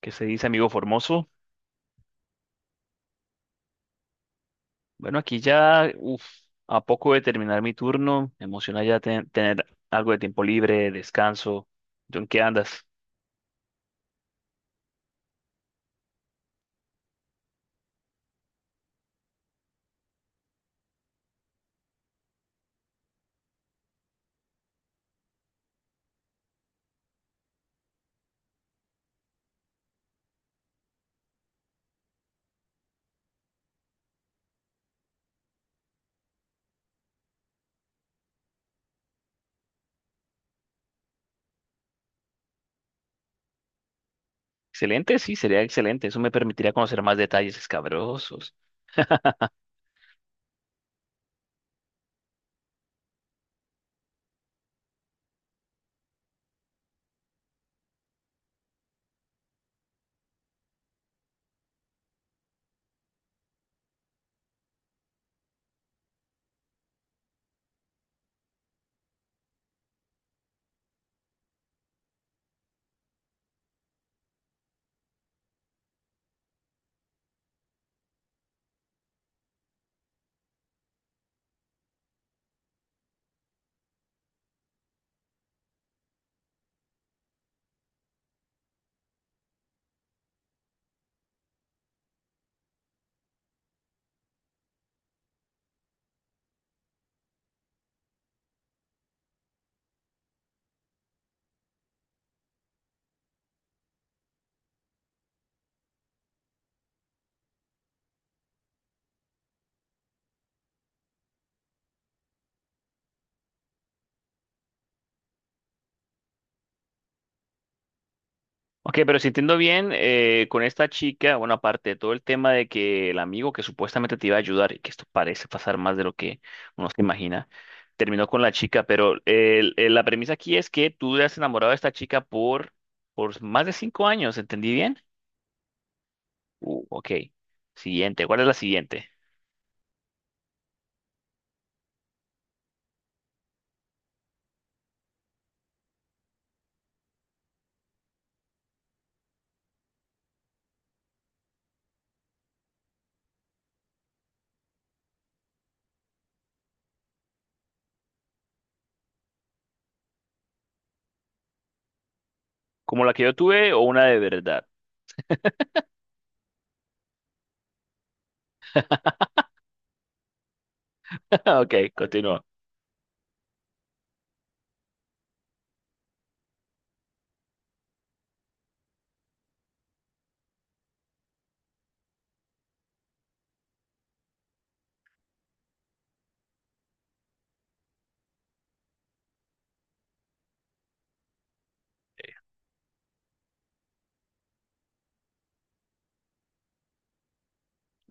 ¿Qué se dice, amigo Formoso? Bueno, aquí ya, uf, a poco de terminar mi turno, me emociona ya tener algo de tiempo libre, descanso. ¿Tú en qué andas? Excelente, sí, sería excelente. Eso me permitiría conocer más detalles escabrosos. Ok, pero si entiendo bien, con esta chica, bueno, aparte de todo el tema de que el amigo que supuestamente te iba a ayudar, y que esto parece pasar más de lo que uno se imagina, terminó con la chica, pero la premisa aquí es que tú te has enamorado de esta chica por más de 5 años, ¿entendí bien? Ok. Siguiente. ¿Cuál es la siguiente? ¿Como la que yo tuve o una de verdad? Ok, continúa.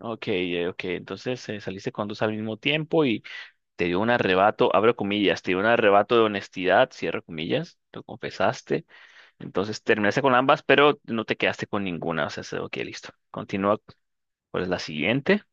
Ok, ok. Entonces saliste con dos al mismo tiempo y te dio un arrebato, abro comillas, te dio un arrebato de honestidad, cierro comillas, lo confesaste. Entonces terminaste con ambas, pero no te quedaste con ninguna. O sea, ok, listo. Continúa. ¿Cuál es la siguiente?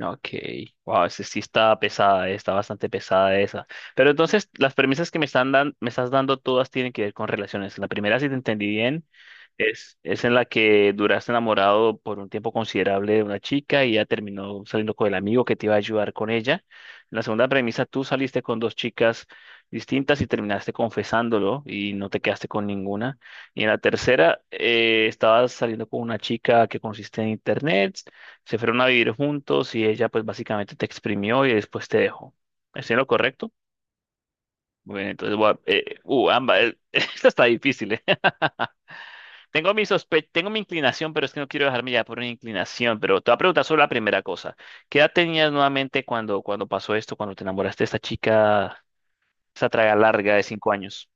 Ok, wow, ese sí está pesada, está bastante pesada esa. Pero entonces, las premisas que me estás dando todas tienen que ver con relaciones. La primera, si te entendí bien, es en la que duraste enamorado por un tiempo considerable de una chica y ya terminó saliendo con el amigo que te iba a ayudar con ella. La segunda premisa, tú saliste con dos chicas distintas y terminaste confesándolo y no te quedaste con ninguna. Y en la tercera, estabas saliendo con una chica que consiste en internet. Se fueron a vivir juntos y ella pues básicamente te exprimió y después te dejó. ¿Estoy en lo correcto? Bueno, entonces ambas, esta está difícil, eh. Tengo mi inclinación, pero es que no quiero dejarme ya por una inclinación, pero te voy a preguntar sobre la primera cosa. ¿Qué edad tenías nuevamente cuando pasó esto, cuando te enamoraste de esta chica, esa traga larga de 5 años?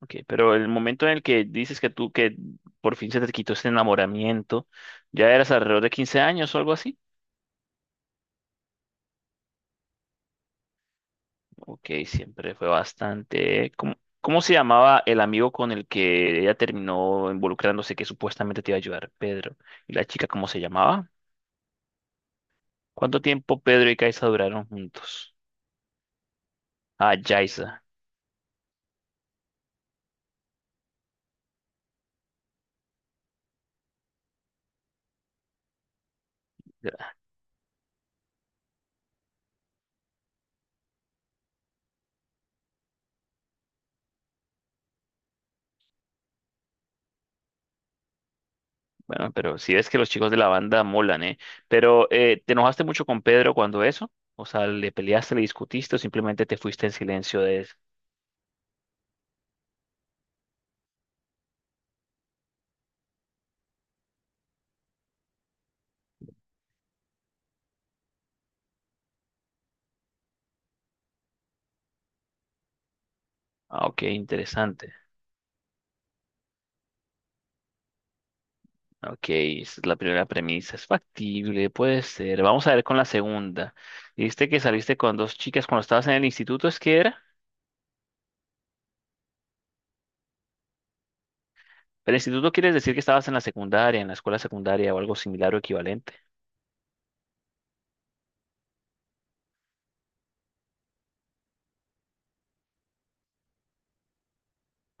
Ok, pero el momento en el que dices que tú que por fin se te quitó ese enamoramiento, ¿ya eras alrededor de 15 años o algo así? Ok, siempre fue bastante. ¿Cómo se llamaba el amigo con el que ella terminó involucrándose que supuestamente te iba a ayudar? Pedro. ¿Y la chica cómo se llamaba? ¿Cuánto tiempo Pedro y Kaisa duraron juntos? Ah, Yaisa. Bueno, pero si ves que los chicos de la banda molan, ¿eh? Pero, ¿te enojaste mucho con Pedro cuando eso? O sea, ¿le peleaste, le discutiste o simplemente te fuiste en silencio de eso? Ah, ok, interesante. Ok, esa es la primera premisa. Es factible, puede ser. Vamos a ver con la segunda. Dijiste que saliste con dos chicas cuando estabas en el instituto, ¿es que era? El instituto quiere decir que estabas en la secundaria, en la escuela secundaria o algo similar o equivalente.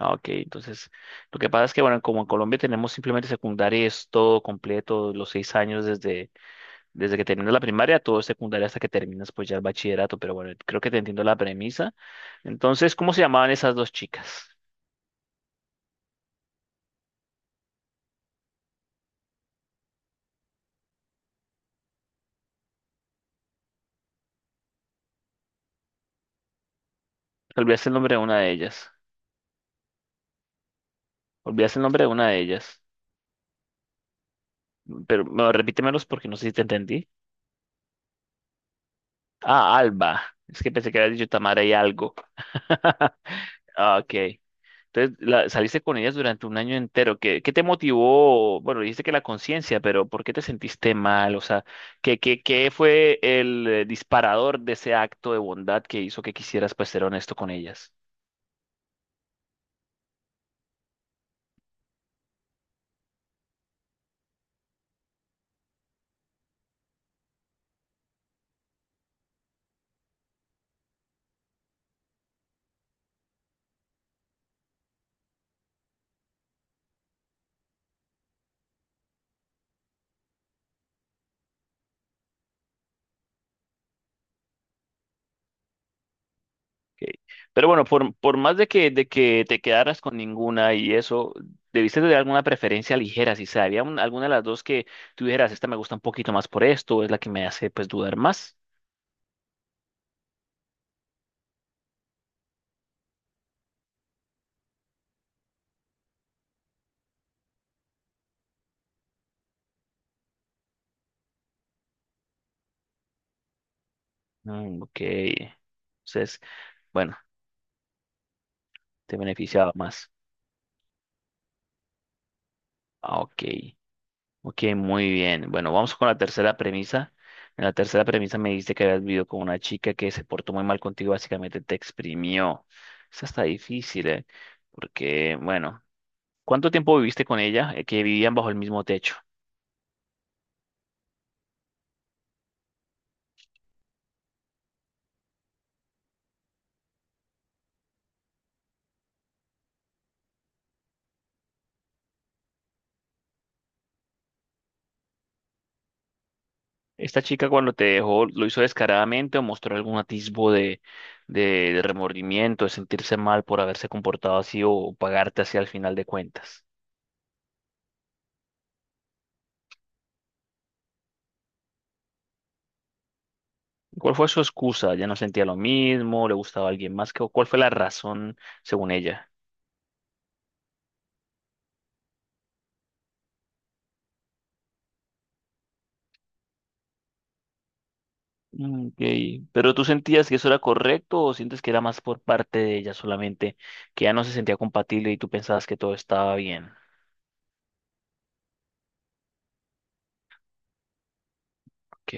Ah, ok, entonces lo que pasa es que, bueno, como en Colombia tenemos simplemente secundaria, y es todo completo, los 6 años desde que terminas la primaria, todo es secundaria hasta que terminas pues ya el bachillerato, pero bueno, creo que te entiendo la premisa. Entonces, ¿cómo se llamaban esas dos chicas? Te olvidaste el nombre de una de ellas. Olvidaste el nombre de una de ellas. Pero no, repítemelos porque no sé si te entendí. Ah, Alba. Es que pensé que habías dicho Tamara y algo. Ah, ok. Entonces, saliste con ellas durante un año entero. ¿Qué te motivó? Bueno, dijiste que la conciencia, pero ¿por qué te sentiste mal? O sea, ¿qué fue el disparador de ese acto de bondad que hizo que quisieras, pues, ser honesto con ellas? Ok. Pero bueno, por más de que te quedaras con ninguna y eso, debiste de alguna preferencia ligera, si sabía había alguna de las dos que tú dijeras, esta me gusta un poquito más por esto, es la que me hace pues dudar más. Mm, ok. Entonces, bueno, te beneficiaba más. Ah, ok. Ok, muy bien. Bueno, vamos con la tercera premisa. En la tercera premisa me dijiste que habías vivido con una chica que se portó muy mal contigo, básicamente te exprimió. Esa está difícil, ¿eh? Porque, bueno. ¿Cuánto tiempo viviste con ella, que vivían bajo el mismo techo? ¿Esta chica cuando te dejó lo hizo descaradamente o mostró algún atisbo de remordimiento, de sentirse mal por haberse comportado así o pagarte así al final de cuentas? ¿Cuál fue su excusa? ¿Ya no sentía lo mismo? ¿Le gustaba alguien más? ¿Cuál fue la razón según ella? Mm, ok. ¿Pero tú sentías que eso era correcto o sientes que era más por parte de ella solamente, que ya no se sentía compatible y tú pensabas que todo estaba bien? Ok,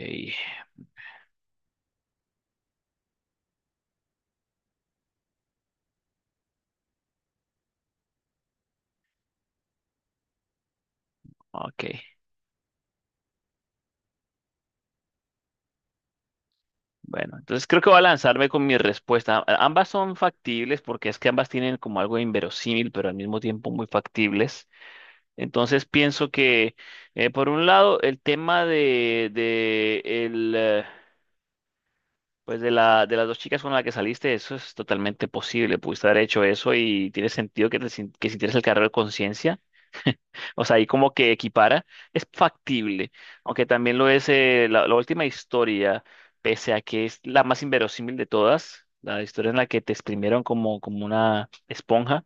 ok. Bueno, entonces creo que voy a lanzarme con mi respuesta. Ambas son factibles porque es que ambas tienen como algo inverosímil, pero al mismo tiempo muy factibles. Entonces pienso que, por un lado, el tema pues de las dos chicas con las que saliste, eso es totalmente posible. Pudiste haber hecho eso y tiene sentido que, te sin- que sintieras el cargo de conciencia. O sea, ahí como que equipara, es factible, aunque también lo es la última historia, pese a que es la más inverosímil de todas, la historia en la que te exprimieron como una esponja.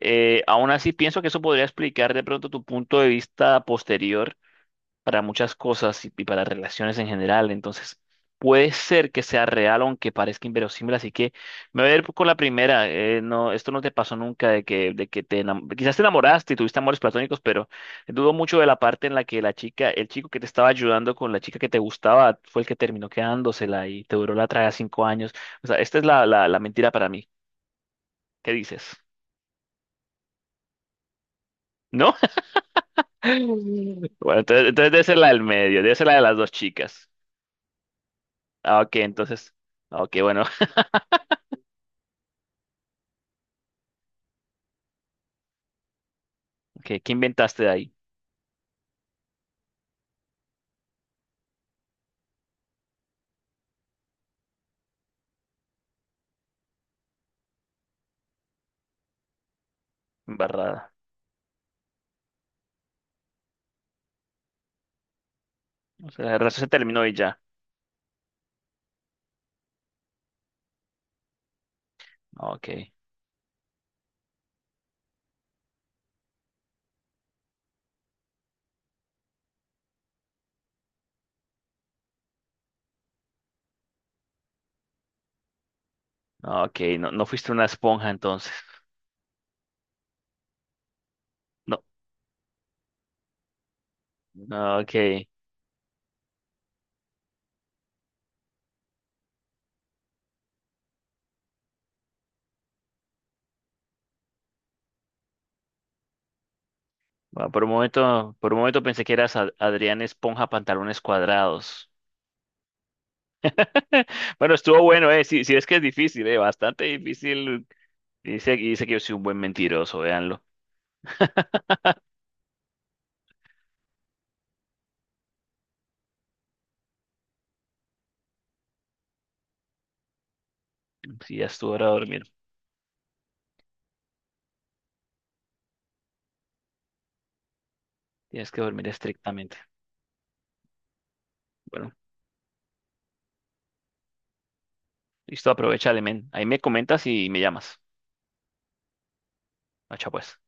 Aún así, pienso que eso podría explicar de pronto tu punto de vista posterior para muchas cosas y para relaciones en general. Entonces, puede ser que sea real, aunque parezca inverosímil. Así que me voy a ir con la primera. No, esto no te pasó nunca de que quizás te enamoraste y tuviste amores platónicos, pero dudo mucho de la parte en la que la chica, el chico que te estaba ayudando con la chica que te gustaba, fue el que terminó quedándosela y te duró la traga 5 años. O sea, esta es la mentira para mí. ¿Qué dices? ¿No? Bueno, entonces debe ser la del medio, debe ser la de las dos chicas. Ah, ok, entonces. Ah, ok, bueno. ¿Qué inventaste de ahí? Embarrada. O sea, el resto se terminó y ya. No, ok. No, ok, no, no fuiste una esponja entonces. No. No, ok. Bueno, por un momento, pensé que eras Adrián Esponja Pantalones Cuadrados. Bueno, estuvo bueno, eh. Sí, sí, es que es difícil, eh. Bastante difícil. Dice que yo soy un buen mentiroso, véanlo. Sí, ya estuvo hora de dormir. Tienes que dormir estrictamente. Bueno, listo, aprovecha, men. Ahí me comentas y me llamas. Macha, pues.